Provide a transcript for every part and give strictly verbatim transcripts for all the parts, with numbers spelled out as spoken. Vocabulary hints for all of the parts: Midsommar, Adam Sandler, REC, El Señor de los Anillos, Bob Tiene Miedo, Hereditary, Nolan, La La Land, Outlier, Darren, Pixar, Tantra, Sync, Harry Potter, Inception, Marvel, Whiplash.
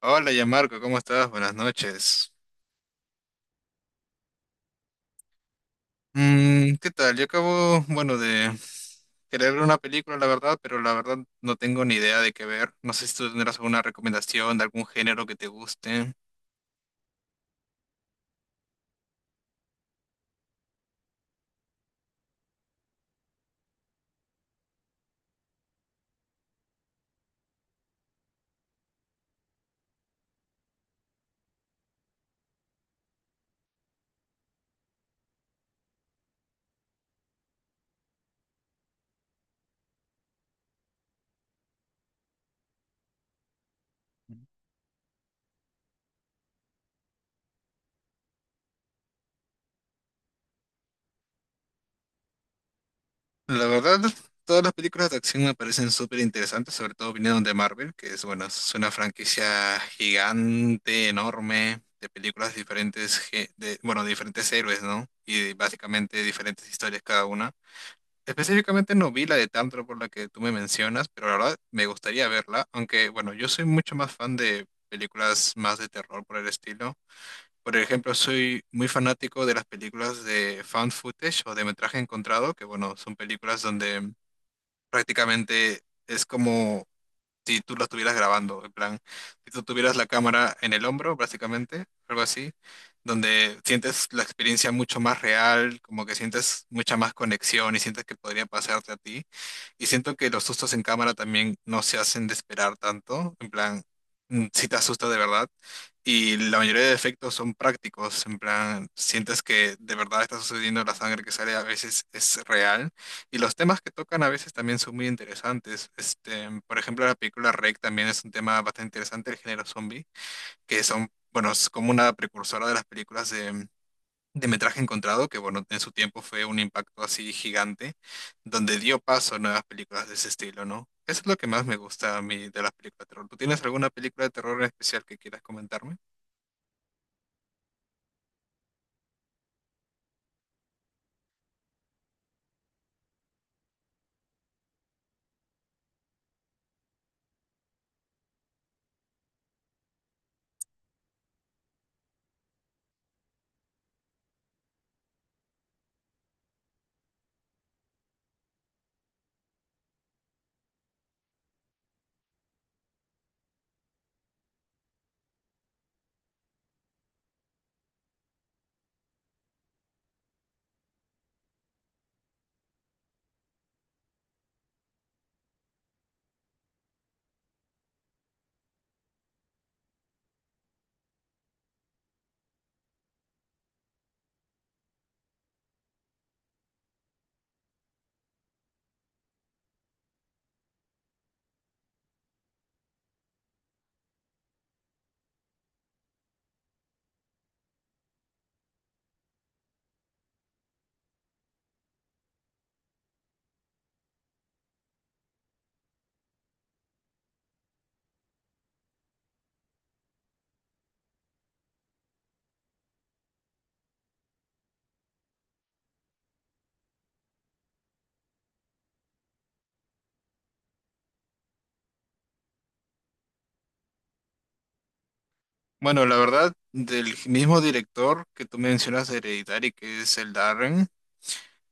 Hola, ya Marco, ¿cómo estás? Buenas noches. Mm, ¿qué tal? Yo acabo, bueno, de querer ver una película, la verdad, pero la verdad no tengo ni idea de qué ver. No sé si tú tendrás alguna recomendación de algún género que te guste. La verdad, todas las películas de acción me parecen súper interesantes, sobre todo vinieron de Marvel, que es, bueno, es una franquicia gigante, enorme, de películas diferentes, ge- de, bueno, de diferentes héroes, ¿no? Y básicamente diferentes historias cada una. Específicamente no vi la de Tantra por la que tú me mencionas, pero la verdad me gustaría verla, aunque bueno, yo soy mucho más fan de películas más de terror por el estilo. Por ejemplo, soy muy fanático de las películas de found footage o de metraje encontrado, que bueno, son películas donde prácticamente es como si tú la estuvieras grabando, en plan, si tú tuvieras la cámara en el hombro, básicamente, algo así, donde sientes la experiencia mucho más real, como que sientes mucha más conexión y sientes que podría pasarte a ti. Y siento que los sustos en cámara también no se hacen de esperar tanto, en plan, mm, si te asusta de verdad. Y la mayoría de efectos son prácticos, en plan, sientes que de verdad está sucediendo, la sangre que sale a veces es real. Y los temas que tocan a veces también son muy interesantes. Este, por ejemplo, la película REC también es un tema bastante interesante del género zombie, que son, bueno, es como una precursora de las películas de, de metraje encontrado, que bueno, en su tiempo fue un impacto así gigante, donde dio paso a nuevas películas de ese estilo, ¿no? Eso es lo que más me gusta a mí de las películas de terror. ¿Tú tienes alguna película de terror en especial que quieras comentarme? Bueno, la verdad, del mismo director que tú mencionas de Hereditary, que es el Darren,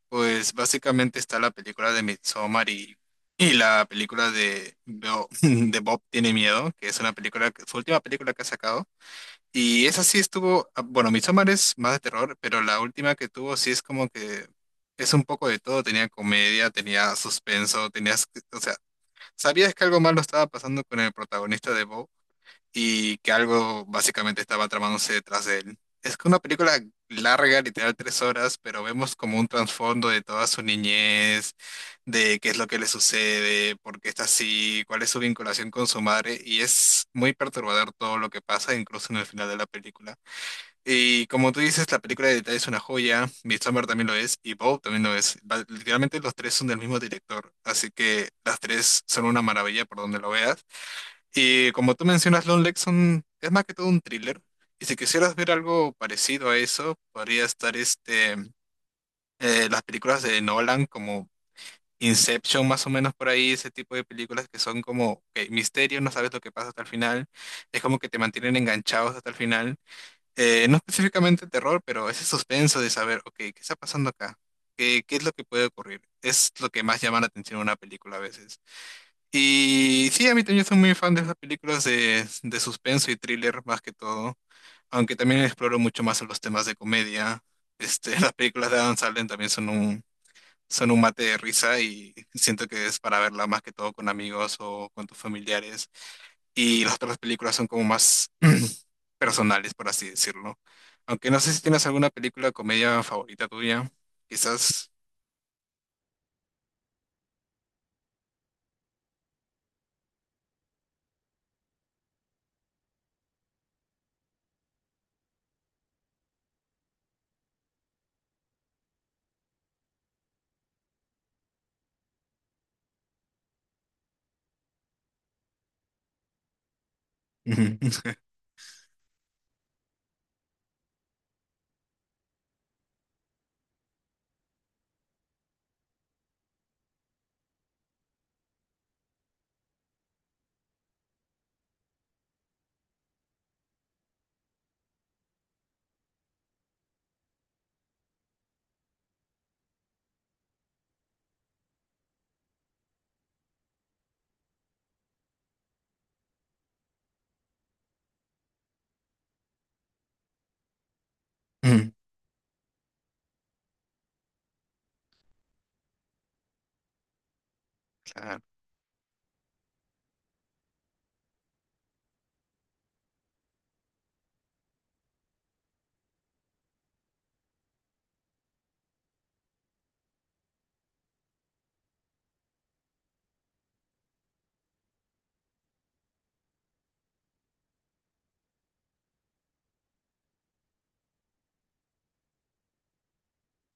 pues básicamente está la película de Midsommar y, y la película de, Bo- de Bob Tiene Miedo, que es una película, que- su última película que ha sacado. Y esa sí estuvo, ah, bueno, Midsommar es más de terror, pero la última que tuvo sí es como que es un poco de todo. Tenía comedia, tenía suspenso, tenías, que- o sea, sabías que algo malo estaba pasando con el protagonista de Bob y que algo básicamente estaba tramándose detrás de él. Es que una película larga, literal tres horas, pero vemos como un trasfondo de toda su niñez, de qué es lo que le sucede, por qué está así, cuál es su vinculación con su madre, y es muy perturbador todo lo que pasa, incluso en el final de la película. Y como tú dices, la película de detalle es una joya, Midsommar también lo es, y Bob también lo es. Va- Literalmente los tres son del mismo director, así que las tres son una maravilla por donde lo veas. Y como tú mencionas, Lone Lexon es más que todo un thriller. Y si quisieras ver algo parecido a eso, podría estar este, eh, las películas de Nolan, como Inception, más o menos por ahí, ese tipo de películas que son como ok, misterio, no sabes lo que pasa hasta el final. Es como que te mantienen enganchados hasta el final. Eh, no específicamente terror, pero ese suspenso de saber, ok, ¿qué está pasando acá? ¿Qué, ¿qué es lo que puede ocurrir? Es lo que más llama la atención en una película a veces. Y sí, a mí también soy muy fan de esas películas de, de suspenso y thriller más que todo, aunque también exploro mucho más los temas de comedia. Este, las películas de Adam Sandler también son un, son un mate de risa y siento que es para verla más que todo con amigos o con tus familiares. Y las otras películas son como más personales, por así decirlo. Aunque no sé si tienes alguna película de comedia favorita tuya, quizás. Ujú. Claro.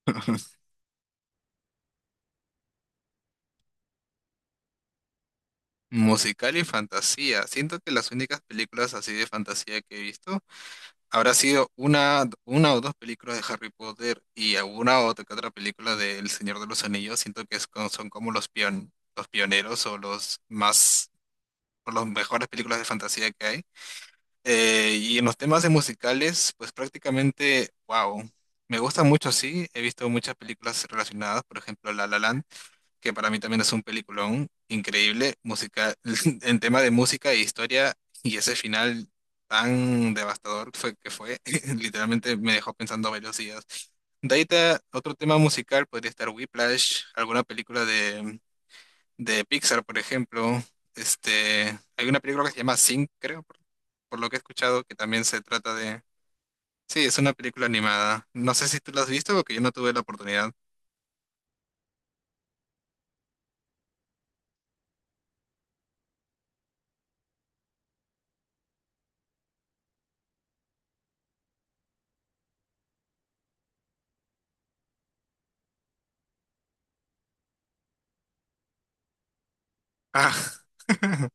Musical y fantasía. Siento que las únicas películas así de fantasía que he visto habrá sido una, una o dos películas de Harry Potter y alguna otra que otra película de El Señor de los Anillos. Siento que es co- son como los pion, los pioneros o los más, o las mejores películas de fantasía que hay. Eh, y en los temas de musicales, pues prácticamente, wow. Me gusta mucho, sí. He visto muchas películas relacionadas, por ejemplo, La La Land que para mí también es un peliculón increíble, música, en tema de música e historia, y ese final tan devastador fue que fue, literalmente me dejó pensando varios días. De ahí ta- otro tema musical podría estar Whiplash, alguna película de, de Pixar, por ejemplo. Este, hay una película que se llama Sync, creo, por, por lo que he escuchado, que también se trata de... Sí, es una película animada. No sé si tú la has visto porque yo no tuve la oportunidad. Ah.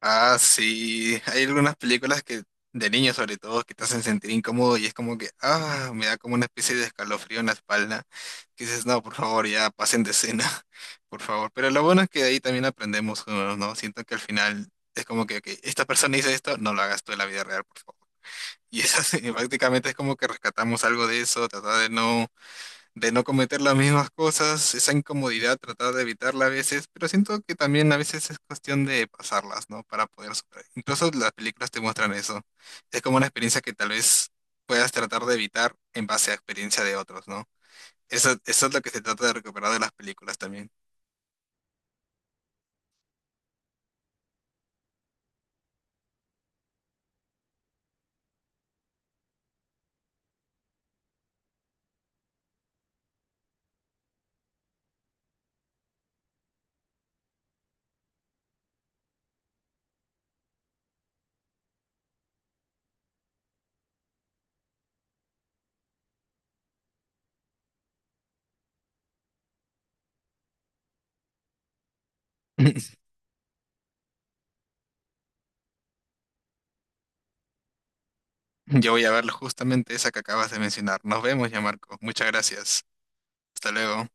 Ah, sí, hay algunas películas que, de niños sobre todo, que te hacen sentir incómodo y es como que, ah, me da como una especie de escalofrío en la espalda, que dices, no, por favor, ya pasen de escena, por favor. Pero lo bueno es que de ahí también aprendemos, juntos, ¿no? Siento que al final es como que, ok, esta persona hizo esto, no lo hagas tú en la vida real, por favor. Y es así, prácticamente es como que rescatamos algo de eso, tratar de no de no cometer las mismas cosas, esa incomodidad, tratar de evitarla a veces, pero siento que también a veces es cuestión de pasarlas, ¿no? Para poder superar. Incluso las películas te muestran eso. Es como una experiencia que tal vez puedas tratar de evitar en base a experiencia de otros, ¿no? Eso, eso es lo que se trata de recuperar de las películas también. Yo voy a ver justamente esa que acabas de mencionar. Nos vemos ya, Marco. Muchas gracias. Hasta luego.